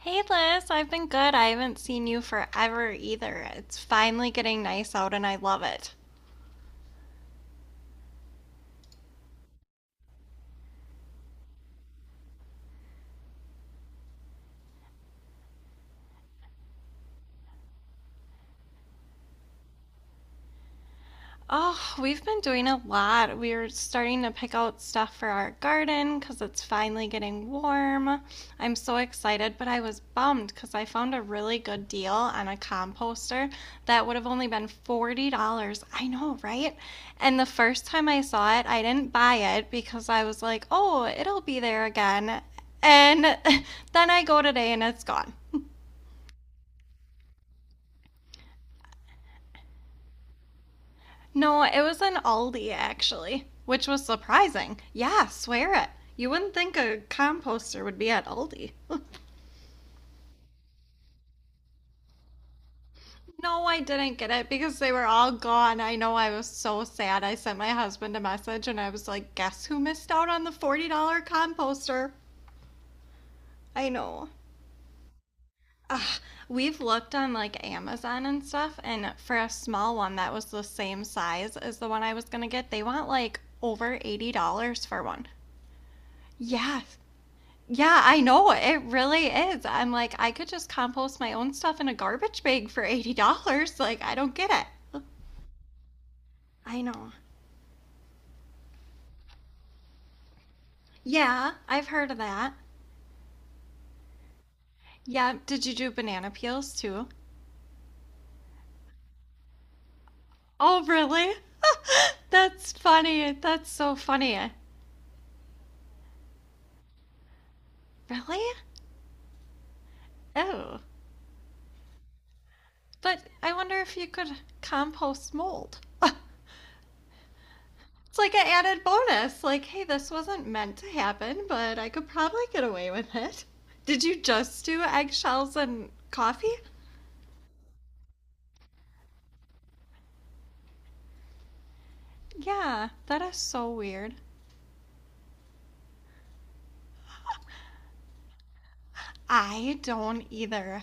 Hey Liz, I've been good. I haven't seen you forever either. It's finally getting nice out and I love it. Oh, we've been doing a lot. We're starting to pick out stuff for our garden because it's finally getting warm. I'm so excited, but I was bummed because I found a really good deal on a composter that would have only been $40. I know, right? And the first time I saw it, I didn't buy it because I was like, oh, it'll be there again. And then I go today and it's gone. No, it was an Aldi, actually, which was surprising. Yeah, swear it. You wouldn't think a composter would be at Aldi. No, I didn't get it because they were all gone. I know I was so sad. I sent my husband a message and I was like, guess who missed out on the $40 composter? I know. Ugh, we've looked on like Amazon and stuff, and for a small one that was the same size as the one I was gonna get, they want like over $80 for one. Yes, yeah, I know. It really is. I'm like, I could just compost my own stuff in a garbage bag for $80. Like, I don't get it. I know. Yeah, I've heard of that. Yeah, did you do banana peels too? Oh, really? That's funny. That's so funny. Really? Oh. But I wonder if you could compost mold. It's like an added bonus. Like, hey, this wasn't meant to happen, but I could probably get away with it. Did you just do eggshells and coffee? Yeah, that is so weird. I don't either.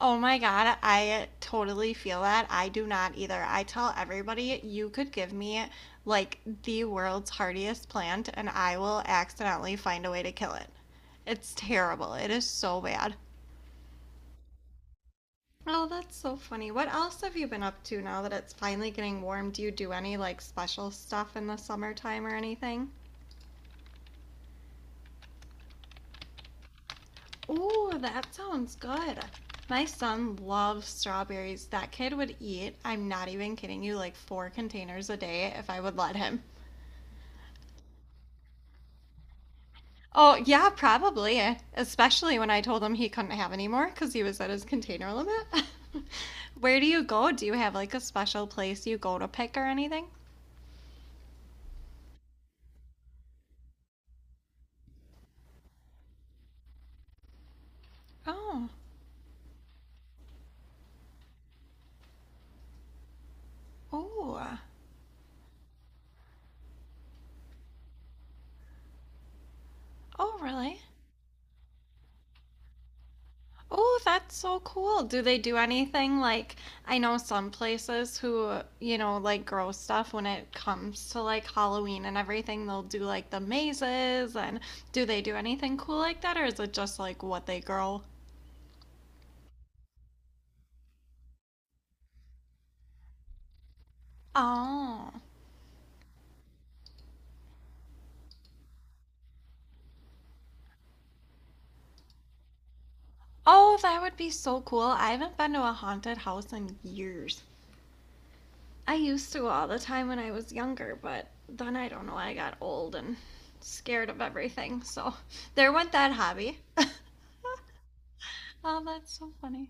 Oh my God, I totally feel that. I do not either. I tell everybody you could give me like the world's hardiest plant and I will accidentally find a way to kill it. It's terrible. It is so bad. Oh, that's so funny. What else have you been up to now that it's finally getting warm? Do you do any like special stuff in the summertime or anything? Oh, that sounds good. My son loves strawberries. That kid would eat, I'm not even kidding you, like four containers a day if I would let him. Oh, yeah, probably. Especially when I told him he couldn't have any more because he was at his container limit. Where do you go? Do you have like a special place you go to pick or anything? Oh, oh, oh, really? Oh, that's so cool. Do they do anything like I know some places who, you know, like grow stuff when it comes to like Halloween and everything, they'll do like the mazes and do they do anything cool like that or is it just like what they grow? Oh. Oh, that would be so cool. I haven't been to a haunted house in years. I used to all the time when I was younger, but then I don't know, I got old and scared of everything. So there went that hobby. Oh, that's so funny.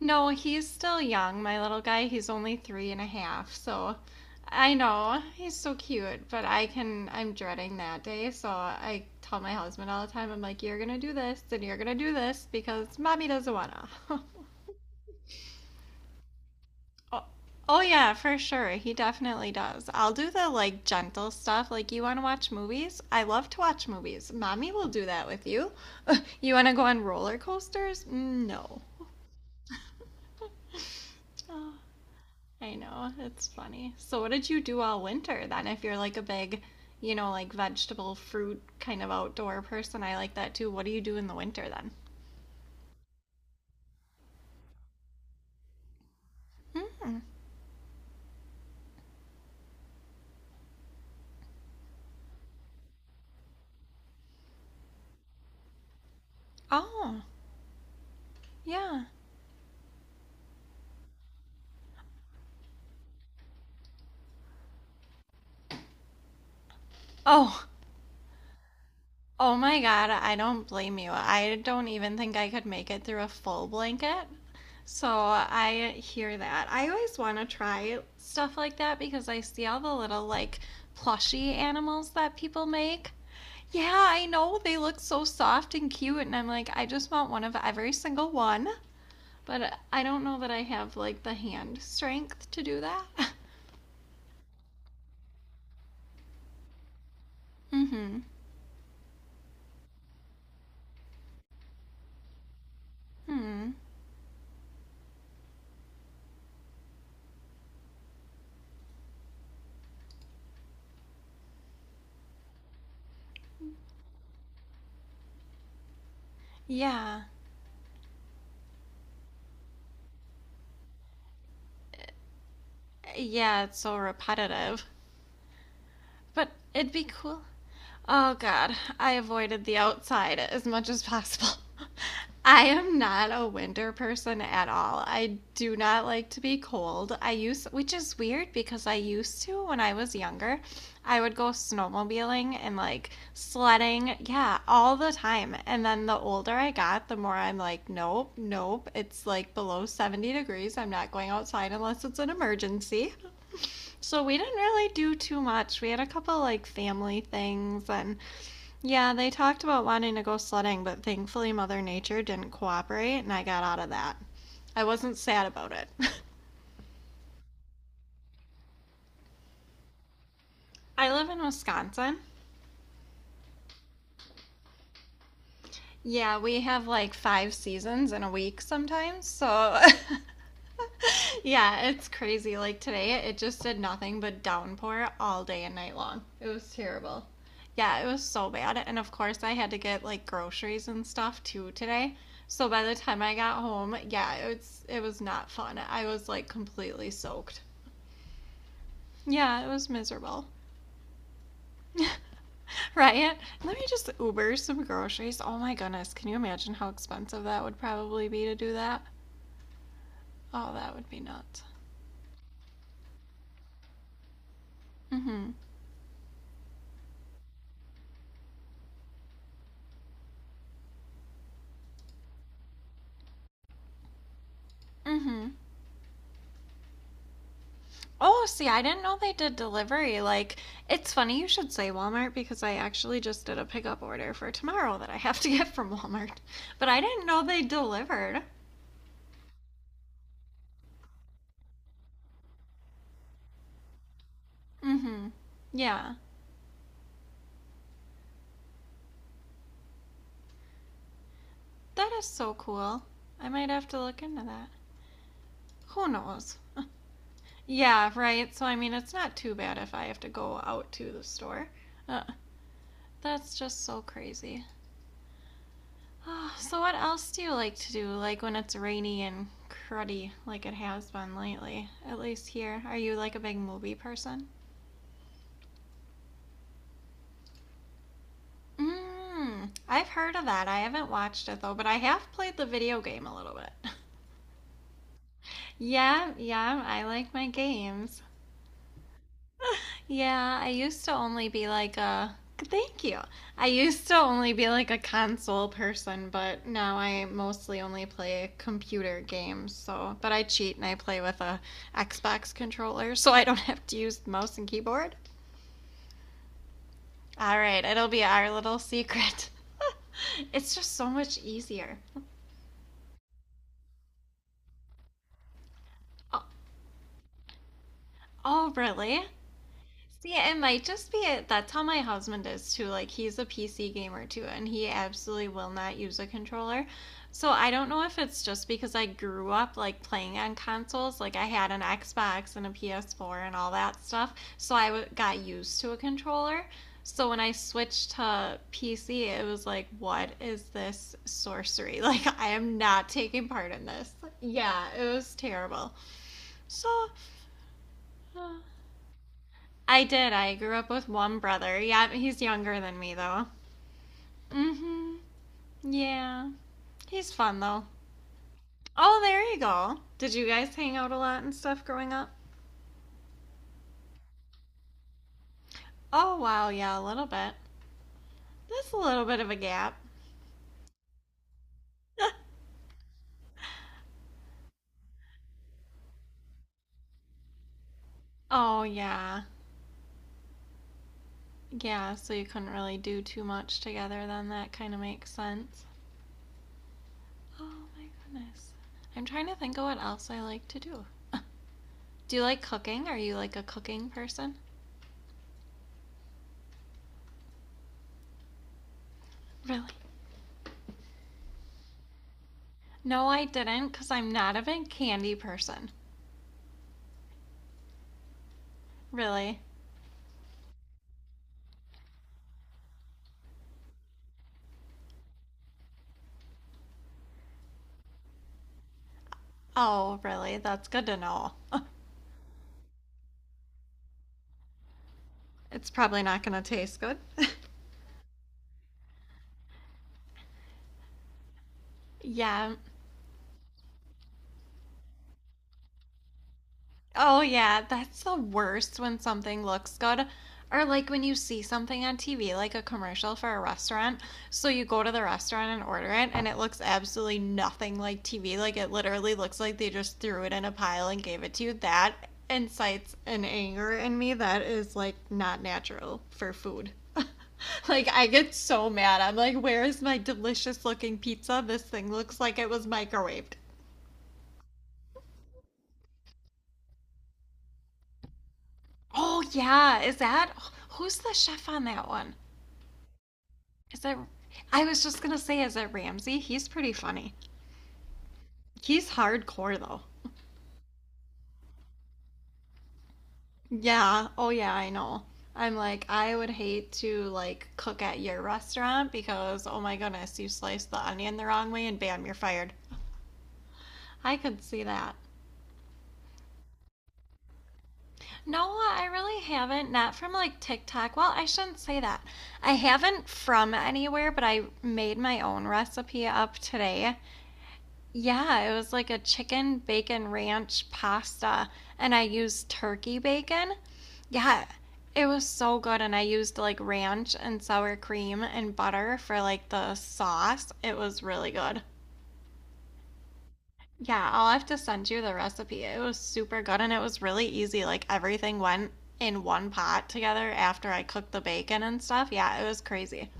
No, he's still young, my little guy. He's only three and a half, so I know he's so cute, but I'm dreading that day. So I tell my husband all the time, I'm like, you're gonna do this and you're gonna do this because mommy doesn't wanna. Oh, oh, yeah, for sure. He definitely does. I'll do the like gentle stuff. Like, you wanna watch movies? I love to watch movies. Mommy will do that with you. You wanna go on roller coasters? Mm, no. Oh, I know, it's funny. So, what did you do all winter then? If you're like a big, you know, like vegetable, fruit kind of outdoor person, I like that too. What do you do in the winter then? Mm. Oh, yeah. Oh, oh my God, I don't blame you. I don't even think I could make it through a full blanket. So, I hear that. I always want to try stuff like that because I see all the little like plushy animals that people make. Yeah, I know they look so soft and cute, and I'm like, I just want one of every single one. But I don't know that I have like the hand strength to do that. Mm-hmm. Hmm. Yeah. Yeah, it's so repetitive. But it'd be cool. Oh God, I avoided the outside as much as possible. I am not a winter person at all. I do not like to be cold. I used, which is weird because I used to when I was younger. I would go snowmobiling and like sledding, yeah, all the time. And then the older I got, the more I'm like, nope, nope. It's like below 70 degrees. I'm not going outside unless it's an emergency. So we didn't really do too much. We had a couple like family things and yeah, they talked about wanting to go sledding, but thankfully Mother Nature didn't cooperate and I got out of that. I wasn't sad about it. I live in Wisconsin. Yeah, we have like five seasons in a week sometimes. So, yeah, it's crazy. Like today, it just did nothing but downpour all day and night long. It was terrible. Yeah, it was so bad. And of course, I had to get like groceries and stuff too today. So by the time I got home, yeah, it was not fun. I was like completely soaked. Yeah, it was miserable. Right? Let me just Uber some groceries. Oh my goodness, can you imagine how expensive that would probably be to do that? Oh, that would be nuts. Mm-hmm. Mm-hmm. Oh, see, I didn't know they did delivery. Like, it's funny you should say Walmart because I actually just did a pickup order for tomorrow that I have to get from Walmart. But I didn't know they delivered. Mm-hmm. Yeah, that is so cool. I might have to look into that. Who knows? Yeah, right. So I mean, it's not too bad if I have to go out to the store. Uh, that's just so crazy. Oh, so what else do you like to do? Like when it's rainy and cruddy, like it has been lately, at least here. Are you like a big movie person? Hmm. I've heard of that. I haven't watched it though, but I have played the video game a little bit. Yeah, yeah, I like my games. Yeah, I used to only be like a thank you. I used to only be like a console person, but now I mostly only play computer games. So, but I cheat and I play with a Xbox controller, so I don't have to use mouse and keyboard. All right, it'll be our little secret. It's just so much easier. Oh, oh really? Yeah, it might just be it. That's how my husband is too. Like, he's a PC gamer too, and he absolutely will not use a controller. So I don't know if it's just because I grew up like playing on consoles. Like, I had an Xbox and a PS4 and all that stuff. So I got used to a controller. So when I switched to PC, it was like, what is this sorcery? Like, I am not taking part in this. Yeah, it was terrible. So, uh, I did. I grew up with one brother. Yeah, he's younger than me though. Mhm. Yeah. He's fun though. Oh, there you go. Did you guys hang out a lot and stuff growing up? Oh, wow. Yeah, a little bit. That's a little bit of a gap. Oh, yeah. Yeah, so you couldn't really do too much together then. That kind of makes sense. Oh, my goodness. I'm trying to think of what else I like to do. Do you like cooking? Are you like a cooking person? Really? No, I didn't because I'm not a big candy person. Really? Oh, really? That's good to know. It's probably not going to taste good. Yeah. Oh, yeah, that's the worst when something looks good. Or like when you see something on TV, like a commercial for a restaurant. So you go to the restaurant and order it, and it looks absolutely nothing like TV. Like it literally looks like they just threw it in a pile and gave it to you. That incites an anger in me that is like not natural for food. Like I get so mad. I'm like, where is my delicious looking pizza? This thing looks like it was microwaved. Oh yeah, is that who's the chef on that one? Is that I was just gonna say, is it Ramsay? He's pretty funny. He's hardcore though. Yeah. Oh yeah, I know. I'm like, I would hate to like cook at your restaurant because oh my goodness, you sliced the onion the wrong way and bam, you're fired. I could see that. No, I really haven't. Not from like TikTok. Well, I shouldn't say that. I haven't from anywhere, but I made my own recipe up today. Yeah, it was like a chicken bacon ranch pasta, and I used turkey bacon. Yeah, it was so good, and I used like ranch and sour cream and butter for like the sauce. It was really good. Yeah, I'll have to send you the recipe. It was super good, and it was really easy. Like everything went in one pot together after I cooked the bacon and stuff. Yeah, it was crazy.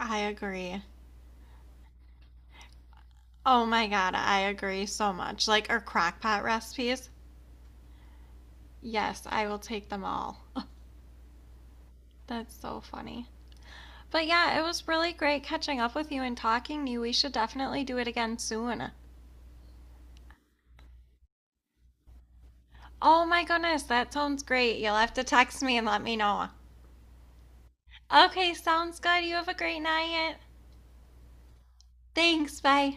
I agree. Oh my God, I agree so much. Like our crock pot recipes. Yes, I will take them all. That's so funny. But yeah, it was really great catching up with you and talking to you. We should definitely do it again soon. Oh my goodness, that sounds great. You'll have to text me and let me know. Okay, sounds good. You have a great night. Thanks. Bye.